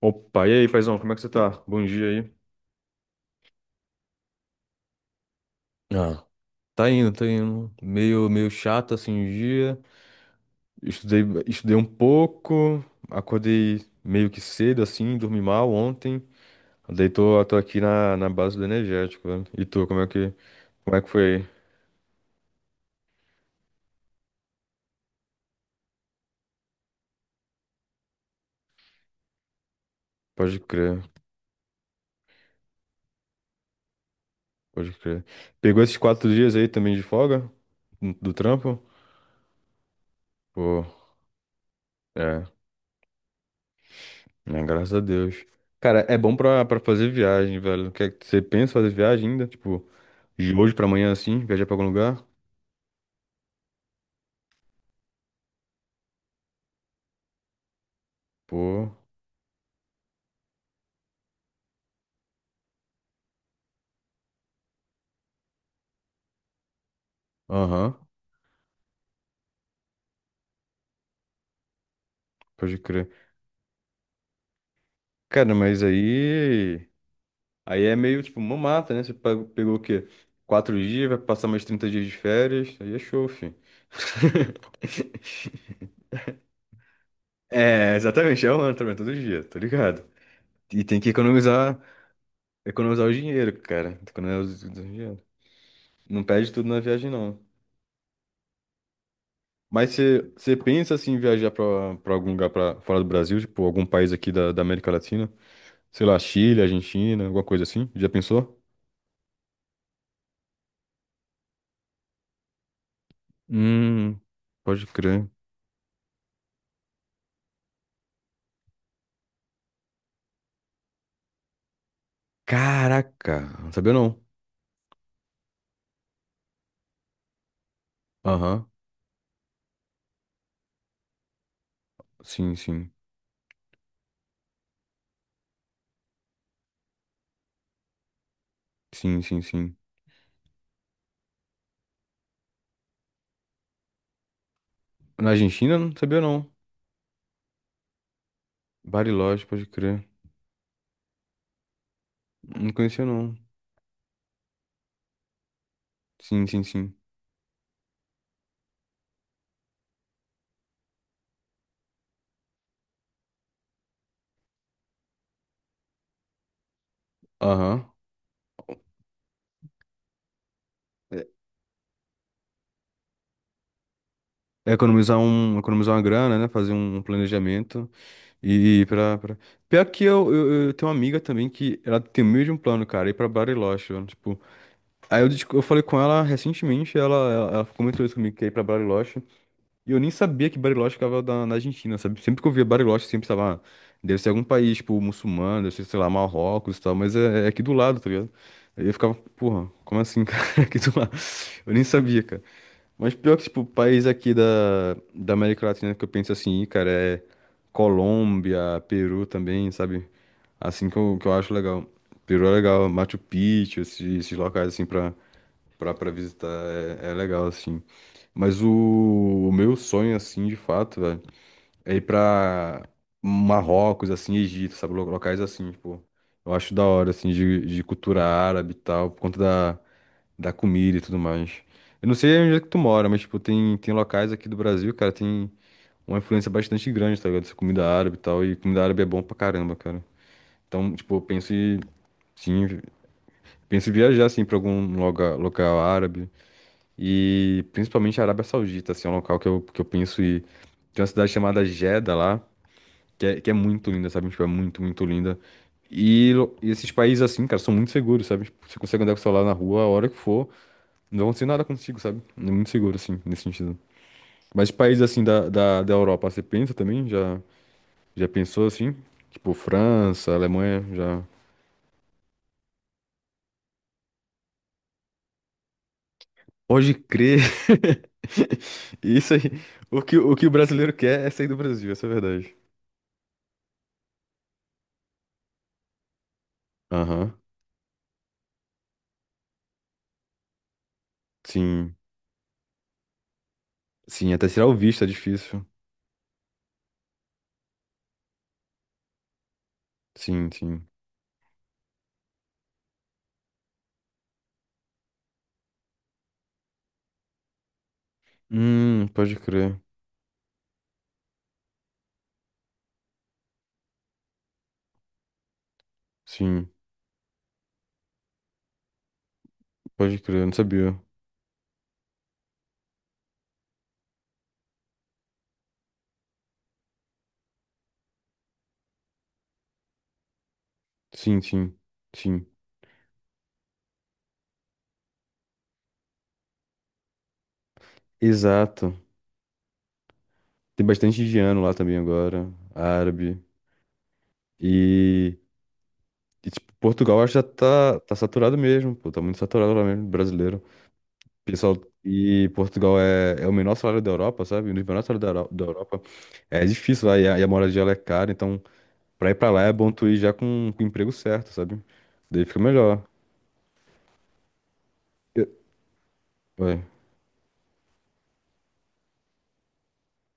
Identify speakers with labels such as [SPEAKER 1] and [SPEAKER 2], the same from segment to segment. [SPEAKER 1] Opa, e aí, paizão, como é que você tá? Bom dia aí. Ah, tá indo, tá indo. Meio chato assim o dia. Estudei um pouco, acordei meio que cedo, assim, dormi mal ontem. Daí tô aqui na base do energético, velho. E tu, como é que foi? Aí? Pode crer, pode crer. Pegou esses 4 dias aí também de folga do trampo? Pô, é, né, graças a Deus. Cara, é bom pra fazer viagem, velho. Quer, você pensa em fazer viagem ainda? Tipo, de hoje pra amanhã, assim, viajar pra algum lugar? Pô, aham, pode crer. Cara, mas aí. Aí é meio tipo uma mata, né? Você pegou, pegou o quê? 4 dias, vai passar mais 30 dias de férias. Aí é show, filho. É, exatamente, é um ano também, todo dia, tá ligado? E tem que economizar, economizar o dinheiro, cara. Economizar o dinheiro. Não perde tudo na viagem, não. Mas você pensa assim, em viajar pra algum lugar pra, fora do Brasil, tipo, algum país aqui da América Latina? Sei lá, Chile, Argentina, alguma coisa assim. Já pensou? Hum, pode crer. Caraca, não sabia não. Aham, sim, sim. Sim, sim, sim. Na Argentina, não sabia não. Bariloche, pode crer. Não conhecia não. Sim, sim, sim. Aham. É é economizar um, economizar uma grana, né? Fazer um planejamento e ir pra, pra... Pior que eu tenho uma amiga também que ela tem o mesmo plano, cara, ir pra Bariloche, mano, tipo... Aí eu falei com ela recentemente, ela comentou isso comigo, que ia ir pra Bariloche. E eu nem sabia que Bariloche ficava na Argentina, sabe? Sempre que eu via Bariloche, sempre estava deve ser algum país, tipo, muçulmano, deve ser, sei lá, Marrocos e tal, mas é, é aqui do lado, tá ligado? Aí eu ficava, porra, como assim, cara? É aqui do lado. Eu nem sabia, cara. Mas pior que, tipo, país aqui da América Latina que eu penso assim, "Ih, cara, é Colômbia, Peru também, sabe? Assim que que eu acho legal. Peru é legal, Machu Picchu, esses locais, assim, pra visitar, é, é legal, assim. Mas o meu sonho, assim, de fato, velho, é ir pra Marrocos, assim, Egito, sabe? Locais assim, tipo, eu acho da hora, assim, de cultura árabe e tal, por conta da comida e tudo mais. Eu não sei onde é que tu mora, mas, tipo, tem locais aqui do Brasil, cara, tem uma influência bastante grande, tá ligado? Dessa comida árabe e tal, e comida árabe é bom pra caramba, cara. Então, tipo, eu penso em, sim, penso em viajar, assim, pra algum lugar, local árabe. E principalmente a Arábia Saudita, assim, é um local que que eu penso e tem uma cidade chamada Jeddah lá, que é muito linda, sabe? Tipo, é muito, muito linda. E, lo- e esses países assim, cara, são muito seguros, sabe? Tipo, você consegue andar com o celular na rua a hora que for, não vai acontecer nada contigo, sabe? É muito seguro, assim, nesse sentido. Mas países assim da Europa, você pensa também? Já pensou assim? Tipo, França, Alemanha, já. Pode crer! Isso aí. O que o brasileiro quer é sair do Brasil, essa é a verdade. Aham. Sim, sim, até tirar o visto é difícil. Sim, sim. Pode crer. Sim, pode crer, eu não sabia. Sim, sim, sim. Exato. Tem bastante indiano lá também agora, árabe. E, tipo, Portugal acho que já tá saturado mesmo, pô, tá muito saturado lá mesmo, brasileiro. Pessoal, e Portugal é o menor salário da Europa, sabe? Um dos menores salários da Europa. É difícil lá, e a moradia lá é cara, então pra ir pra lá é bom tu ir já com o emprego certo, sabe? Daí fica melhor. Ué,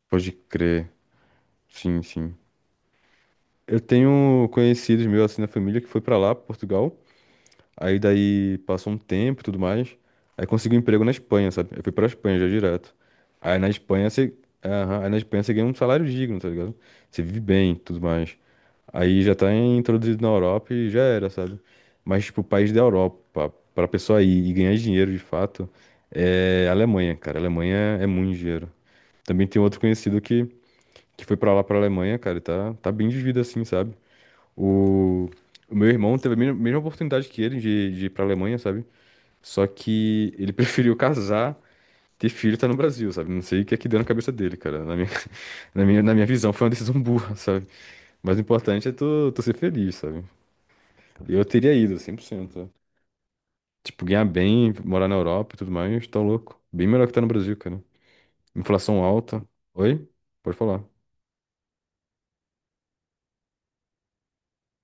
[SPEAKER 1] pode crer. Sim, sim. Eu tenho conhecidos meus assim na família que foi pra lá, Portugal. Aí daí passou um tempo e tudo mais. Aí consegui um emprego na Espanha, sabe? Eu fui pra Espanha já direto. Aí na Espanha você. Aham, aí na Espanha você ganha um salário digno, tá ligado? Você vive bem, e tudo mais. Aí já tá introduzido na Europa e já era, sabe? Mas, tipo, o país da Europa, pra pessoa ir e ganhar dinheiro de fato, é a Alemanha, cara. A Alemanha é muito dinheiro. Também tem outro conhecido que foi pra lá, pra Alemanha, cara, e tá bem de vida assim, sabe? O, o meu irmão teve a mesma oportunidade que ele de ir pra Alemanha, sabe? Só que ele preferiu casar, ter filho e tá no Brasil, sabe? Não sei o que é que deu na cabeça dele, cara. Na minha, na minha visão foi uma decisão burra, sabe? Mas o importante é tu ser feliz, sabe? Eu teria ido, 100%. Né? Tipo, ganhar bem, morar na Europa e tudo mais, tá louco. Bem melhor que tá no Brasil, cara. Inflação alta. Oi? Pode falar.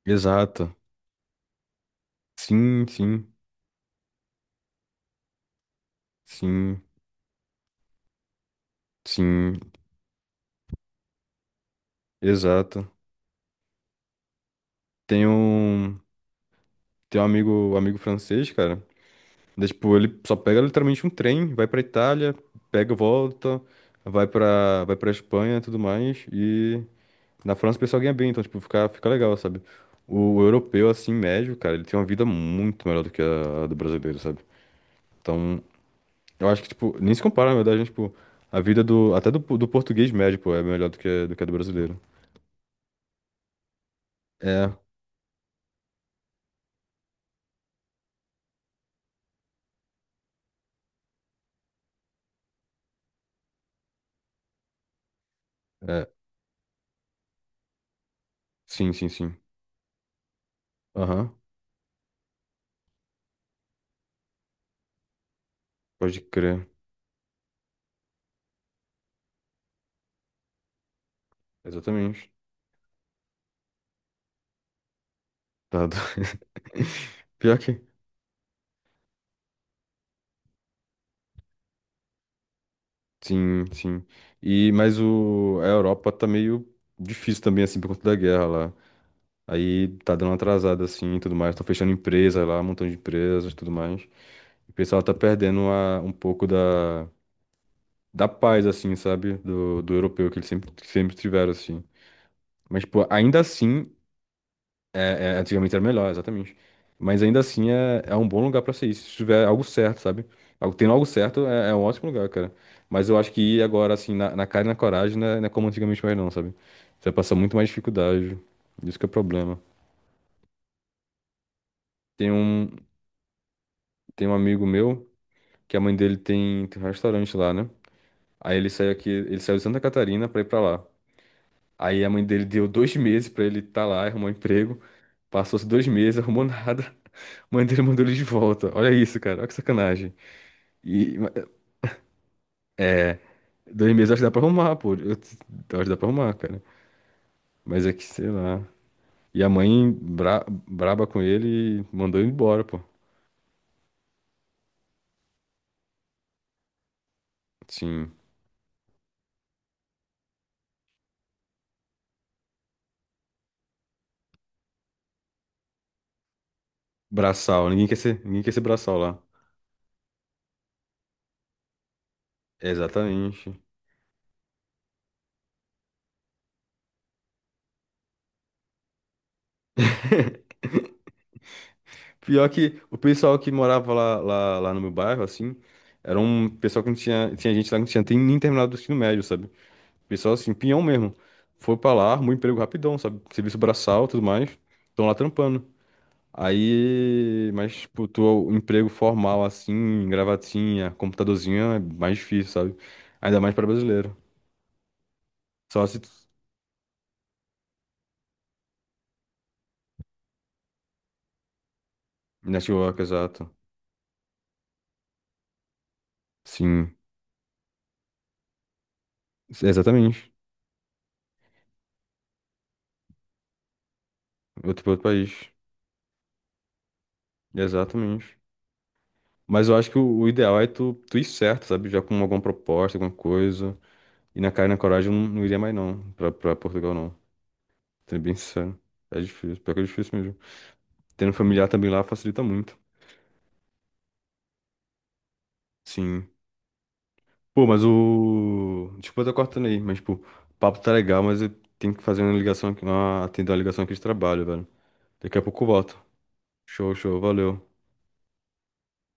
[SPEAKER 1] Exato. Sim, sim, sim, sim. Exato. Tem um, tem um amigo francês, cara. Daí, tipo, ele só pega literalmente um trem, vai pra Itália, pega, volta, vai pra Espanha e tudo mais. E na França o pessoal ganha bem, então, tipo, fica legal, sabe? O europeu, assim, médio, cara, ele tem uma vida muito melhor do que a do brasileiro, sabe? Então, eu acho que, tipo, nem se compara, na verdade, né? Tipo, a vida do, até do, do português médio, pô, é melhor do que a do brasileiro. É, é, sim, sim, sim. Aham, pode crer. Exatamente. Tá do- Pior que. Sim, sim. E, mas o, a Europa tá meio difícil também, assim, por conta da guerra lá. Aí tá dando uma atrasada, assim, e tudo mais. Estão fechando empresas lá, um montão de empresas e tudo mais. E o pessoal tá perdendo um pouco da paz, assim, sabe? Do europeu que eles sempre, que sempre tiveram, assim. Mas, pô, ainda assim é, é, antigamente era melhor, exatamente. Mas ainda assim é um bom lugar pra ser isso. Se tiver algo certo, sabe? Algo- Tendo algo certo é um ótimo lugar, cara. Mas eu acho que ir agora, assim, na cara e na coragem, não é como antigamente mais não, sabe? Você vai passar muito mais dificuldade. Isso que é o problema. Tem um, tem um amigo meu que a mãe dele tem um restaurante lá, né? Aí ele saiu aqui, ele saiu de Santa Catarina pra ir pra lá. Aí a mãe dele deu 2 meses pra ele estar tá lá, arrumou um emprego. Passou-se 2 meses, arrumou nada. A mãe dele mandou ele de volta. Olha isso, cara. Olha que sacanagem. E ma- 2 meses eu acho que dá pra arrumar, pô. Eu acho que dá pra arrumar, cara. Mas é que, sei lá. E a mãe braba com ele e mandou ele embora, pô. Sim. Braçal. Ninguém quer ser braçal lá. Exatamente. Pior que o pessoal que morava lá no meu bairro, assim, era um pessoal que não tinha, tinha gente lá que não tinha tem nem terminado o ensino médio, sabe? Pessoal assim, pinhão mesmo. Foi pra lá, arrumou emprego rapidão, sabe? Serviço braçal e tudo mais. Estão lá trampando. Aí, mas, tipo, tu, emprego formal, assim, gravatinha, computadorzinho, é mais difícil, sabe? Ainda mais para brasileiro. Só se tu... Network, exato. Sim, exatamente. Outro, pra outro país. Exatamente. Mas eu acho que o ideal é tu ir certo, sabe? Já com alguma proposta, alguma coisa. E na cara e na coragem eu não, não iria mais, não. Pra Portugal, não. Sendo bem sincero. É difícil, pior que é difícil mesmo. Tendo familiar também lá facilita muito. Sim. Pô, mas o. Desculpa, eu tô cortando aí, mas, pô, o papo tá legal, mas eu tenho que fazer uma ligação aqui, uma... atender uma ligação aqui de trabalho, velho. Daqui a pouco eu volto. Show, show, valeu.